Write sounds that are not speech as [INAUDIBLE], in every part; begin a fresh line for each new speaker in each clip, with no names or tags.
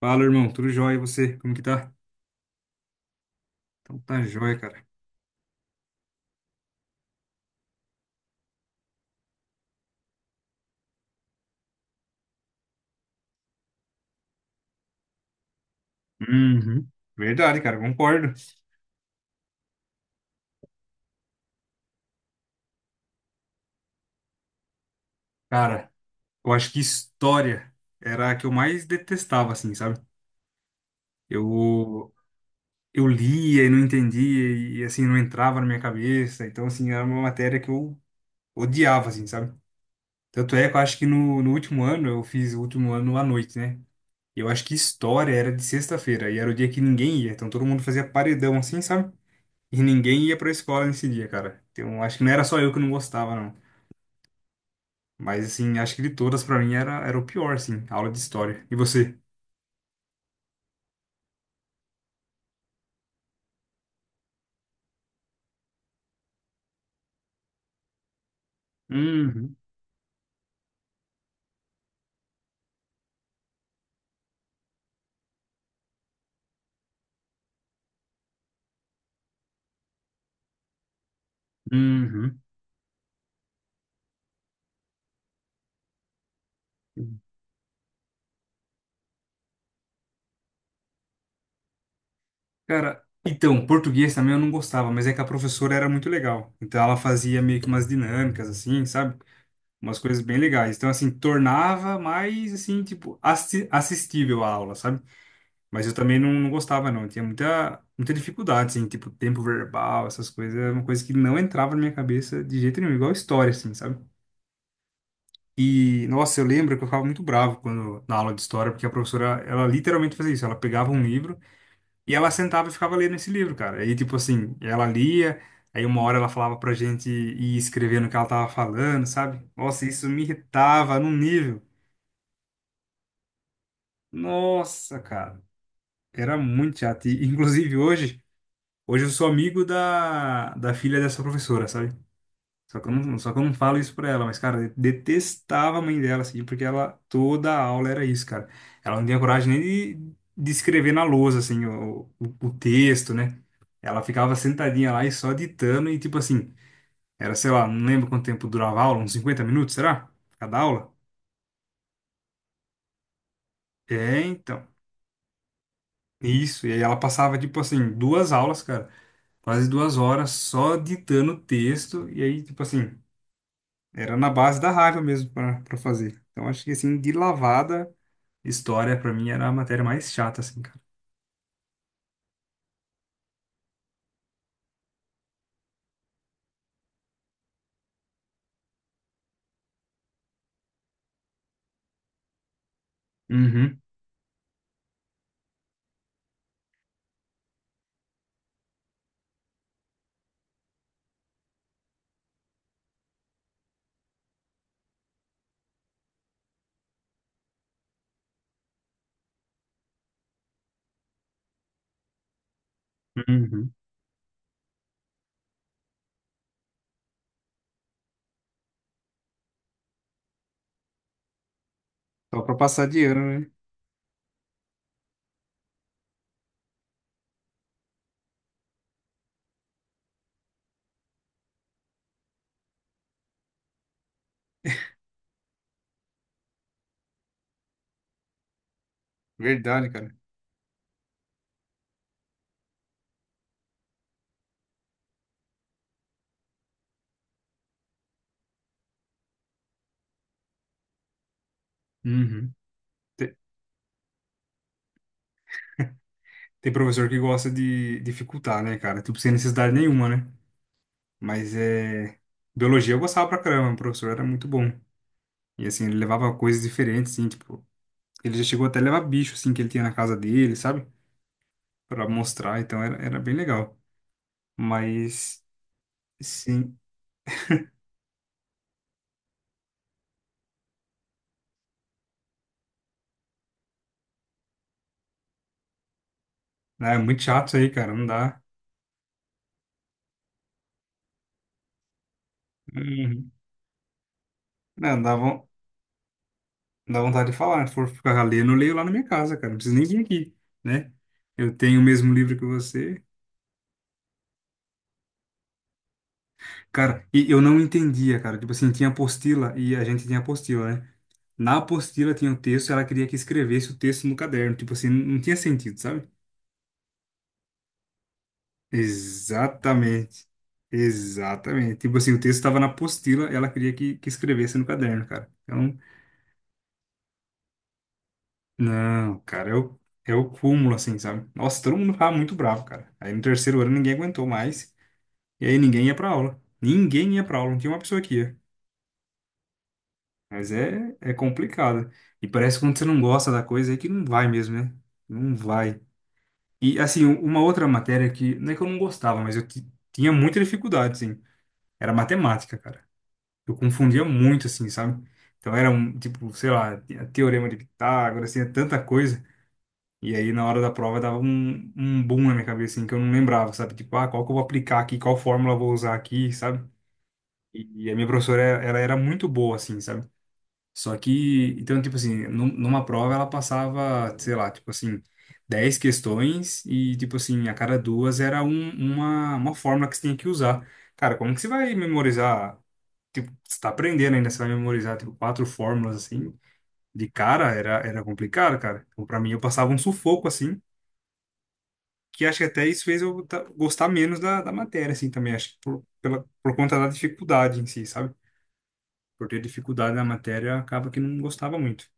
Fala, irmão. Tudo jóia? E você? Como que tá? Então tá jóia, cara. Uhum. Verdade, cara. Concordo. Cara, eu acho que história era a que eu mais detestava, assim, sabe? Eu, eu lia e não entendia e, assim, não entrava na minha cabeça. Então, assim, era uma matéria que eu odiava, assim, sabe? Tanto é que eu acho que no último ano, eu fiz o último ano à noite, né? E eu acho que história era de sexta-feira e era o dia que ninguém ia. Então todo mundo fazia paredão, assim, sabe? E ninguém ia pra escola nesse dia, cara. Então, acho que não era só eu que não gostava, não. Mas, assim, acho que de todas, pra mim, era o pior, assim, a aula de história. E você? Uhum, uhum. Cara, então, português também eu não gostava, mas é que a professora era muito legal. Então, ela fazia meio que umas dinâmicas, assim, sabe? Umas coisas bem legais. Então, assim, tornava mais, assim, tipo, assistível a aula, sabe? Mas eu também não gostava, não. Eu tinha muita, muita dificuldade, assim, tipo, tempo verbal, essas coisas. Era uma coisa que não entrava na minha cabeça de jeito nenhum, igual história, assim, sabe? E, nossa, eu lembro que eu ficava muito bravo quando, na aula de história, porque a professora, ela literalmente fazia isso. Ela pegava um livro e ela sentava e ficava lendo esse livro, cara. Aí, tipo assim, ela lia, aí uma hora ela falava pra gente ir escrevendo o que ela tava falando, sabe? Nossa, isso me irritava num nível. Nossa, cara. Era muito chato. E, inclusive, hoje. Hoje eu sou amigo da filha dessa professora, sabe? Só que eu não falo isso pra ela, mas, cara, eu detestava a mãe dela, assim, porque ela, toda aula era isso, cara. Ela não tinha coragem nem de escrever na lousa, assim, o texto, né? Ela ficava sentadinha lá e só ditando e, tipo assim, era, sei lá, não lembro quanto tempo durava a aula, uns 50 minutos, será? Cada aula? É, então. Isso, e aí ela passava, tipo assim, duas aulas, cara, quase 2 horas só ditando o texto, e aí, tipo assim. Era na base da raiva mesmo pra fazer. Então acho que assim, de lavada, história pra mim era a matéria mais chata, assim, cara. Uhum, uhum. Só pra passar de ano, né? Verdade, cara. Uhum. Te- Tem professor que gosta de dificultar, né, cara? Tipo, sem necessidade nenhuma, né? Mas é. Biologia eu gostava pra caramba, o professor era muito bom. E assim, ele levava coisas diferentes, assim, tipo. Ele já chegou até a levar bicho, assim, que ele tinha na casa dele, sabe? Pra mostrar, então era bem legal. Mas, sim. Ah, é muito chato isso aí, cara. Não dá. Uhum. Não, dá vontade de falar. Se for ficar lendo, eu leio lá na minha casa, cara. Não precisa nem vir aqui, né? Eu tenho o mesmo livro que você. Cara, e eu não entendia, cara. Tipo assim, tinha apostila e a gente tinha apostila, né? Na apostila tinha o texto e ela queria que escrevesse o texto no caderno. Tipo assim, não tinha sentido, sabe? Exatamente. Exatamente. Tipo assim, o texto estava na apostila, ela queria que escrevesse no caderno, cara. Então, não, cara, é o cúmulo, assim, sabe? Nossa, todo mundo ficava muito bravo, cara. Aí no terceiro ano ninguém aguentou mais. E aí ninguém ia pra aula. Ninguém ia pra aula, não tinha uma pessoa que ia. Mas é complicado. E parece que quando você não gosta da coisa é que não vai mesmo, né? Não vai. E assim, uma outra matéria que não é que eu não gostava, mas eu tinha muita dificuldade, assim. Era matemática, cara. Eu confundia muito, assim, sabe? Então era um, tipo, sei lá, tinha teorema de Pitágoras, tinha tanta coisa. E aí, na hora da prova, dava um boom na minha cabeça, assim, que eu não lembrava, sabe? Tipo, ah, qual que eu vou aplicar aqui, qual fórmula eu vou usar aqui, sabe? E a minha professora, ela era muito boa, assim, sabe? Só que, então, tipo assim, numa prova ela passava, sei lá, tipo assim, 10 questões e, tipo assim, a cada duas era uma fórmula que você tinha que usar. Cara, como que você vai memorizar? Tipo, você tá aprendendo ainda, você vai memorizar, tipo, quatro fórmulas, assim, de cara, era complicado, cara. Então, pra mim, eu passava um sufoco, assim, que acho que até isso fez eu gostar menos da matéria, assim, também, acho que por conta da dificuldade em si, sabe? Por ter dificuldade na matéria, acaba que não gostava muito.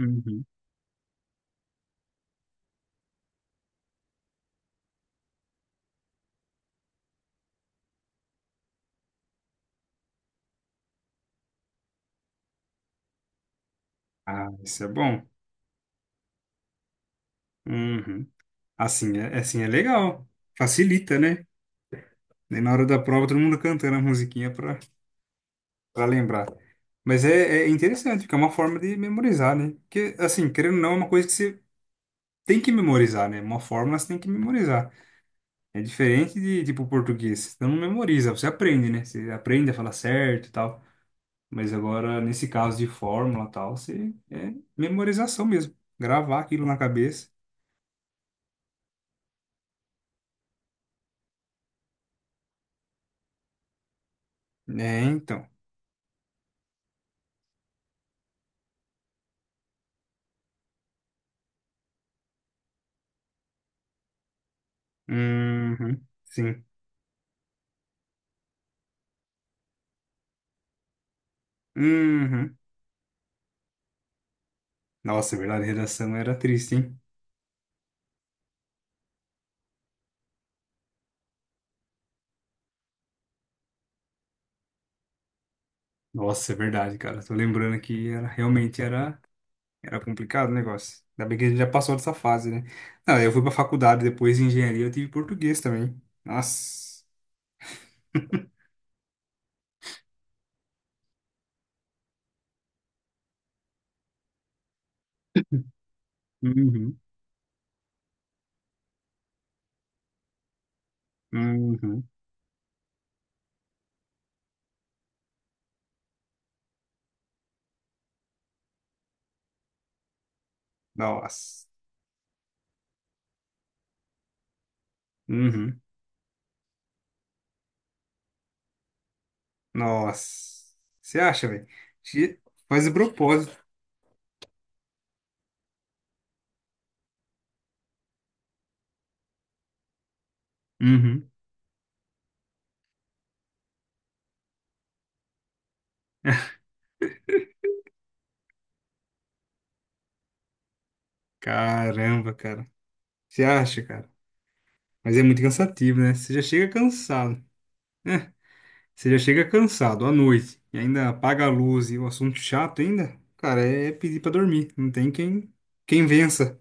Uhum. Ah, isso é bom. Uhum. Assim, assim é legal. Facilita, né? Daí na hora da prova, todo mundo cantando a musiquinha pra lembrar. Mas é interessante, porque é uma forma de memorizar, né? Porque, assim, querendo ou não, é uma coisa que você tem que memorizar, né? Uma fórmula você tem que memorizar. É diferente de, tipo, português. Você não memoriza, você aprende, né? Você aprende a falar certo e tal. Mas agora, nesse caso de fórmula e tal, você é memorização mesmo. Gravar aquilo na cabeça. É, então. Uhum, sim. Uhum. Nossa, é verdade, redação era triste, hein? Nossa, é verdade, cara. Tô lembrando que era, realmente era complicado o negócio. Ainda bem que a gente já passou dessa fase, né? Não, eu fui pra faculdade depois de engenharia, eu tive português também. Nossa. Uhum, uhum. Nossa. Uhum. Nossa. Você acha, velho? Che- Faz de propósito. Uhum. [LAUGHS] Caramba, cara. Você acha, cara? Mas é muito cansativo, né? Você já chega cansado. É, você já chega cansado à noite. E ainda apaga a luz e o assunto chato ainda. Cara, é pedir pra dormir. Não tem quem vença.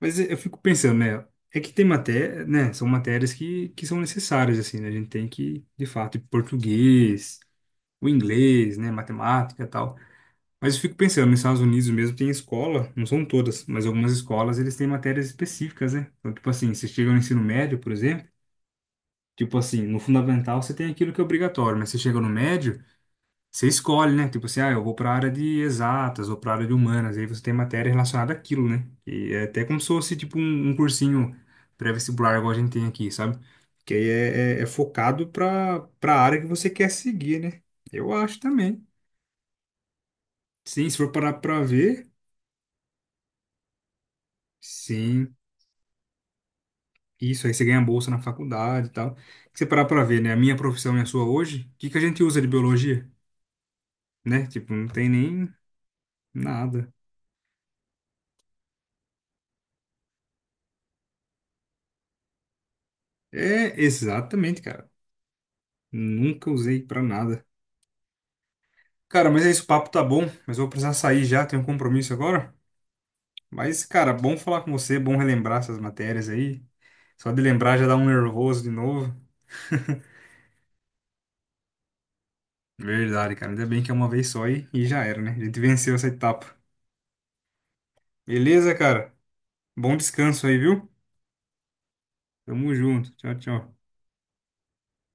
Mas eu fico pensando, né? É que tem matéria, né? São matérias que são necessárias, assim, né? A gente tem que, de fato, português, o inglês, né? Matemática e tal. Mas eu fico pensando, nos Estados Unidos mesmo tem escola, não são todas, mas algumas escolas eles têm matérias específicas, né? Então, tipo assim, você chega no ensino médio, por exemplo, tipo assim, no fundamental você tem aquilo que é obrigatório, mas você chega no médio, você escolhe, né? Tipo assim, ah, eu vou para a área de exatas ou para a área de humanas, aí você tem matéria relacionada àquilo, né? E é até como se fosse tipo um cursinho pré-vestibular, igual a gente tem aqui, sabe? Que aí é focado para a área que você quer seguir, né? Eu acho também. Sim, se for parar para ver. Sim, isso, aí você ganha bolsa na faculdade e tal. Se você parar pra ver, né? A minha profissão e a sua hoje, o que que a gente usa de biologia? Né? Tipo, não tem nem nada. É, exatamente, cara. Nunca usei pra nada. Cara, mas é isso, o papo tá bom, mas eu vou precisar sair já, tenho um compromisso agora. Mas, cara, bom falar com você, bom relembrar essas matérias aí. Só de lembrar já dá um nervoso de novo. [LAUGHS] Verdade, cara. Ainda bem que é uma vez só e já era, né? A gente venceu essa etapa. Beleza, cara? Bom descanso aí, viu? Tamo junto. Tchau, tchau.